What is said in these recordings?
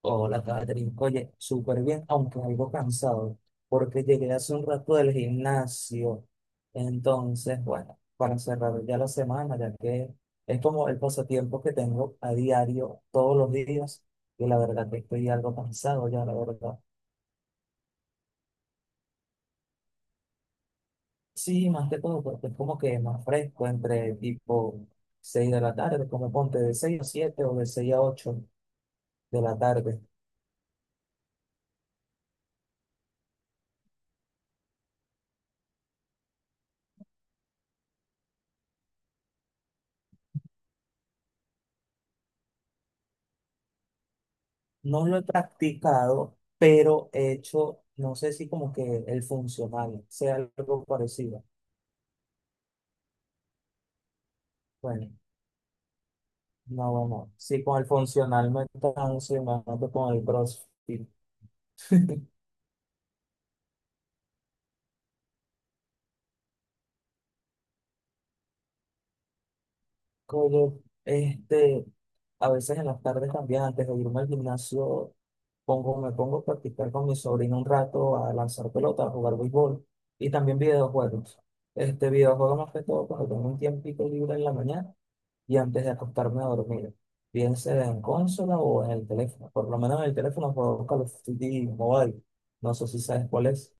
Hola, Catherine. Oye, súper bien, aunque algo cansado, porque llegué hace un rato del gimnasio. Entonces, bueno, para cerrar ya la semana, ya que es como el pasatiempo que tengo a diario, todos los días, y la verdad que estoy algo cansado ya, la verdad. Sí, más que todo, porque es como que más fresco entre tipo 6 de la tarde, como ponte de 6 a 7 o de 6 a 8 de la tarde. No lo he practicado, pero he hecho, no sé si como que el funcional sea algo parecido. Bueno, no, bueno, sí, con el funcional me canso y me mato con el CrossFit. Como, este, a veces en las tardes también, antes de irme al gimnasio, me pongo a practicar con mi sobrino un rato, a lanzar pelota, a jugar béisbol y también videojuegos. Este videojuego más que todo cuando tengo un tiempito libre en la mañana y antes de acostarme a dormir, bien sea en consola o en el teléfono. Por lo menos en el teléfono juego Call of Duty Mobile. No sé si sabes cuál es.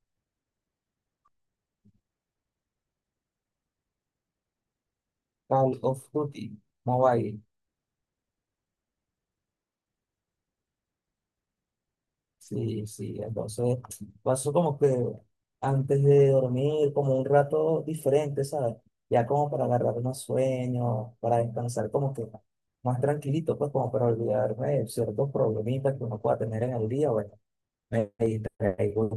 Call of Duty Mobile. Sí, sí. Entonces paso como que antes de dormir, como un rato diferente, ¿sabes? Ya como para agarrar unos sueños, para descansar como que más tranquilito, pues como para olvidarme de ciertos problemitas que uno pueda tener en el día. Bueno, me distraigo.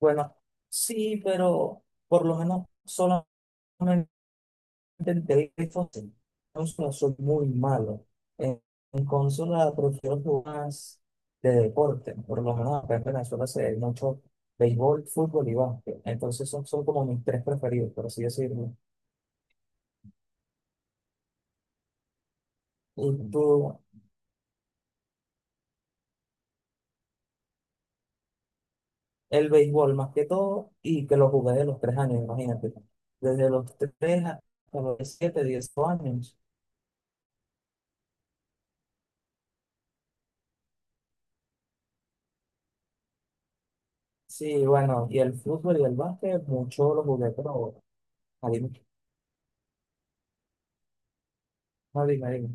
Bueno, sí, pero por lo menos solamente en teléfono. En consola soy muy malo. En, en consola prefiero jugar más de deporte. Por lo menos acá en Venezuela se ve mucho béisbol, fútbol y básquet. Entonces son como mis tres preferidos, por así decirlo. Y tú, el béisbol más que todo, y que lo jugué de los 3 años, imagínate. Desde los 3 hasta los 7, 10 años. Sí, bueno, y el fútbol y el básquet, mucho lo jugué, pero ahí, no dime, dime.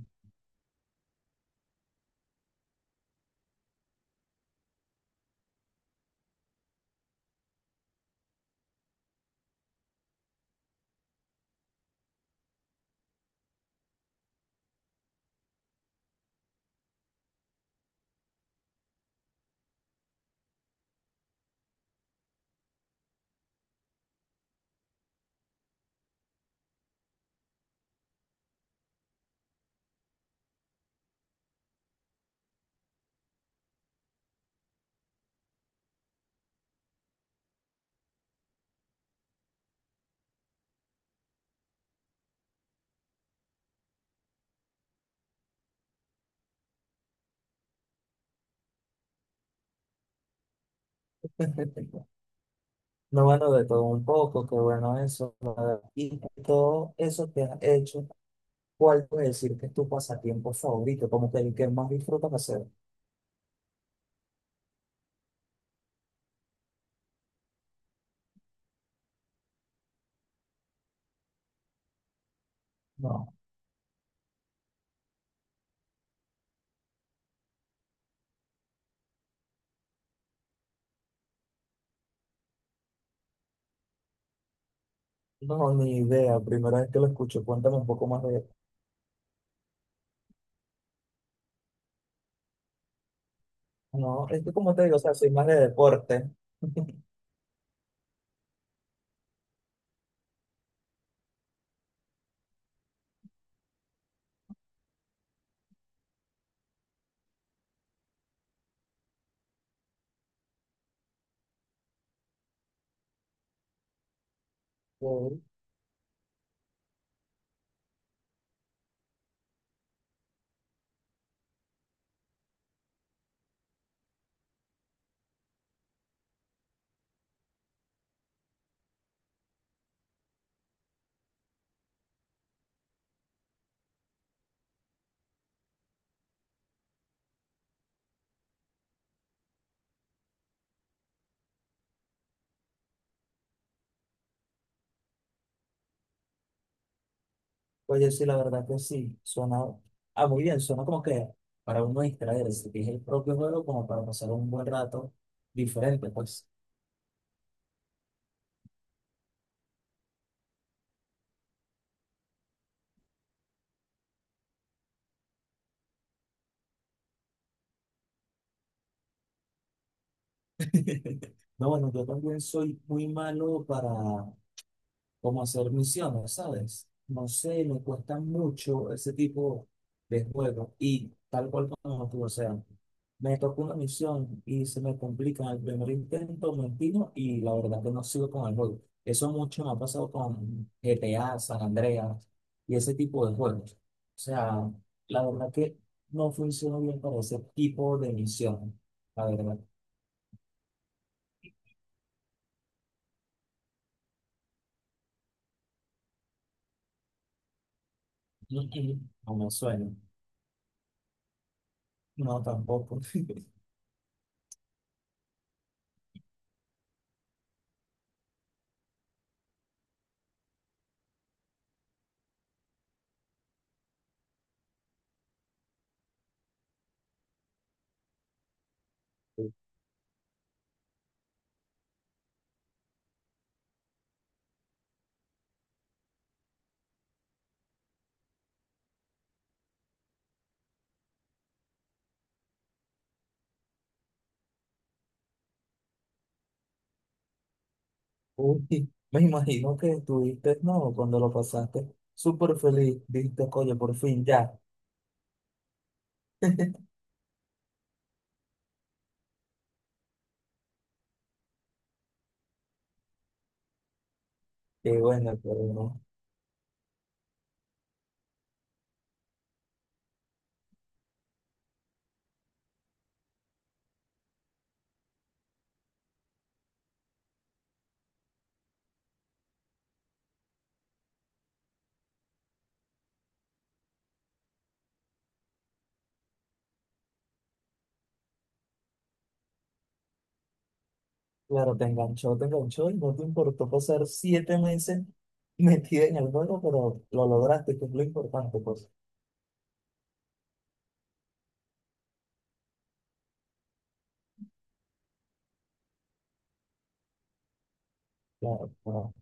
No, bueno, de todo un poco, qué bueno eso, la verdad. Y todo eso que has hecho, ¿cuál puedes decir que es tu pasatiempo favorito? Como que el que más disfrutas hacer. No, no, ni idea. Primera vez que lo escucho, cuéntame un poco más de no, es que como te digo, o sea, soy más de deporte. Oye, sí, la verdad que sí, suena ah, muy bien, suena como que para uno distraerse, que es el propio juego, como para pasar un buen rato diferente, pues. No, bueno, yo también soy muy malo para como hacer misiones, ¿sabes? No sé, me cuesta mucho ese tipo de juegos y tal cual como tú, o sea, me tocó una misión y se me complica en el primer intento, me empino y la verdad que no sigo con el juego. Eso mucho me ha pasado con GTA, San Andreas y ese tipo de juegos. O sea, la verdad que no funciona bien para ese tipo de misión, la verdad. No, no me suena. No, tampoco. Uy, me imagino que estuviste, no, cuando lo pasaste, súper feliz, dijiste, coño, por fin, ya. Qué bueno, pero no. Claro, te enganchó y no te importó pasar 7 meses metida en el juego, pero lo lograste, que es lo importante, pues. Claro, no,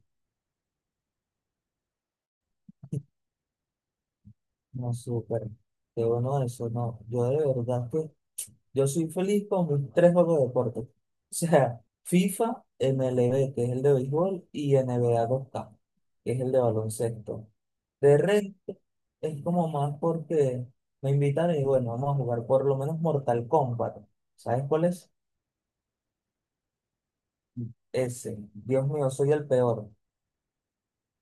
no, súper. Qué bueno eso, no. Yo de verdad que Yo soy feliz con mis tres juegos de deporte. O sea, FIFA, MLB, que es el de béisbol, y NBA 2K, que es el de baloncesto. De resto, es como más porque me invitan y bueno, vamos a jugar por lo menos Mortal Kombat. ¿Sabes cuál es? Ese. Dios mío, soy el peor.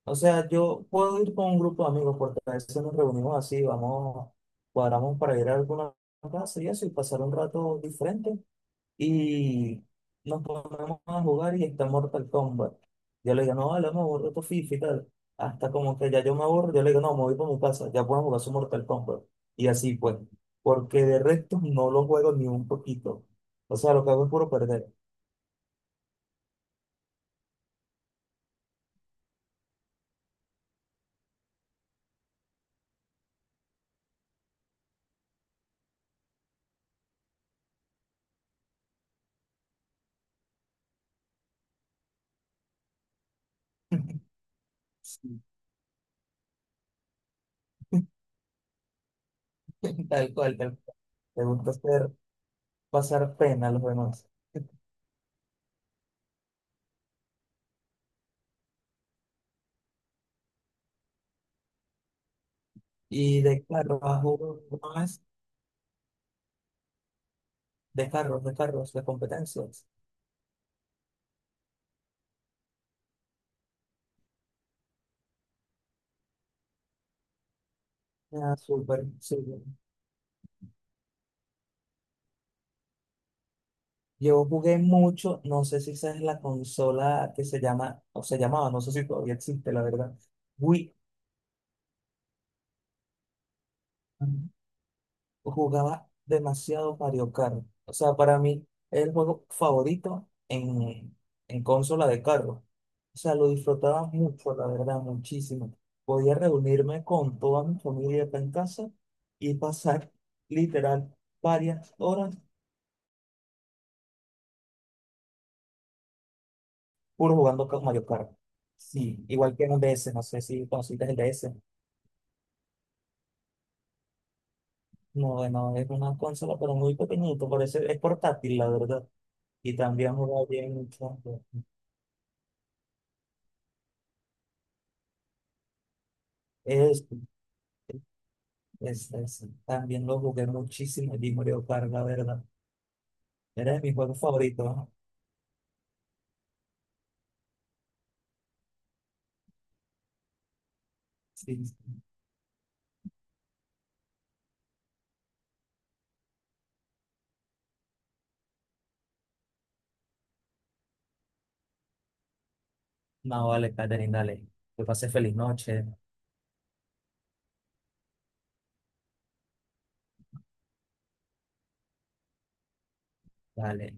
O sea, yo puedo ir con un grupo de amigos porque a veces nos reunimos así, vamos, cuadramos para ir a alguna casa y eso y pasar un rato diferente, y nos ponemos a jugar y está Mortal Kombat. Yo le digo, no, vale, me aburro tu FIFA y tal. Hasta como que ya yo me aburro, yo le digo, no, me voy para mi casa, ya puedo jugar su Mortal Kombat. Y así pues, porque de resto no lo juego ni un poquito. O sea, lo que hago es puro perder. Sí. Tal cual, tal cual. Me gusta hacer pasar pena a los demás. Y de carros, a jugar más de carros, de competencias. Ah, súper, sí. Yo jugué mucho, no sé si esa es la consola que se llama, o se llamaba, no sé si todavía existe, la verdad. Wii, jugaba demasiado Mario Kart. O sea, para mí es el juego favorito en consola de carro. O sea, lo disfrutaba mucho, la verdad, muchísimo. Podía reunirme con toda mi familia acá en casa y pasar literal varias horas puro jugando con Mario Kart. Sí, igual que en DS, no sé si conociste el DS. No, no, es una consola, pero muy pequeñito, parece, es portátil, la verdad. Y también juega bien mucho. Es, también lo jugué muchísimo y Mario Kart, la verdad. Era de mis juegos favoritos, ¿no? Sí. No, vale, Catherine, dale. Que pase feliz noche. Dale.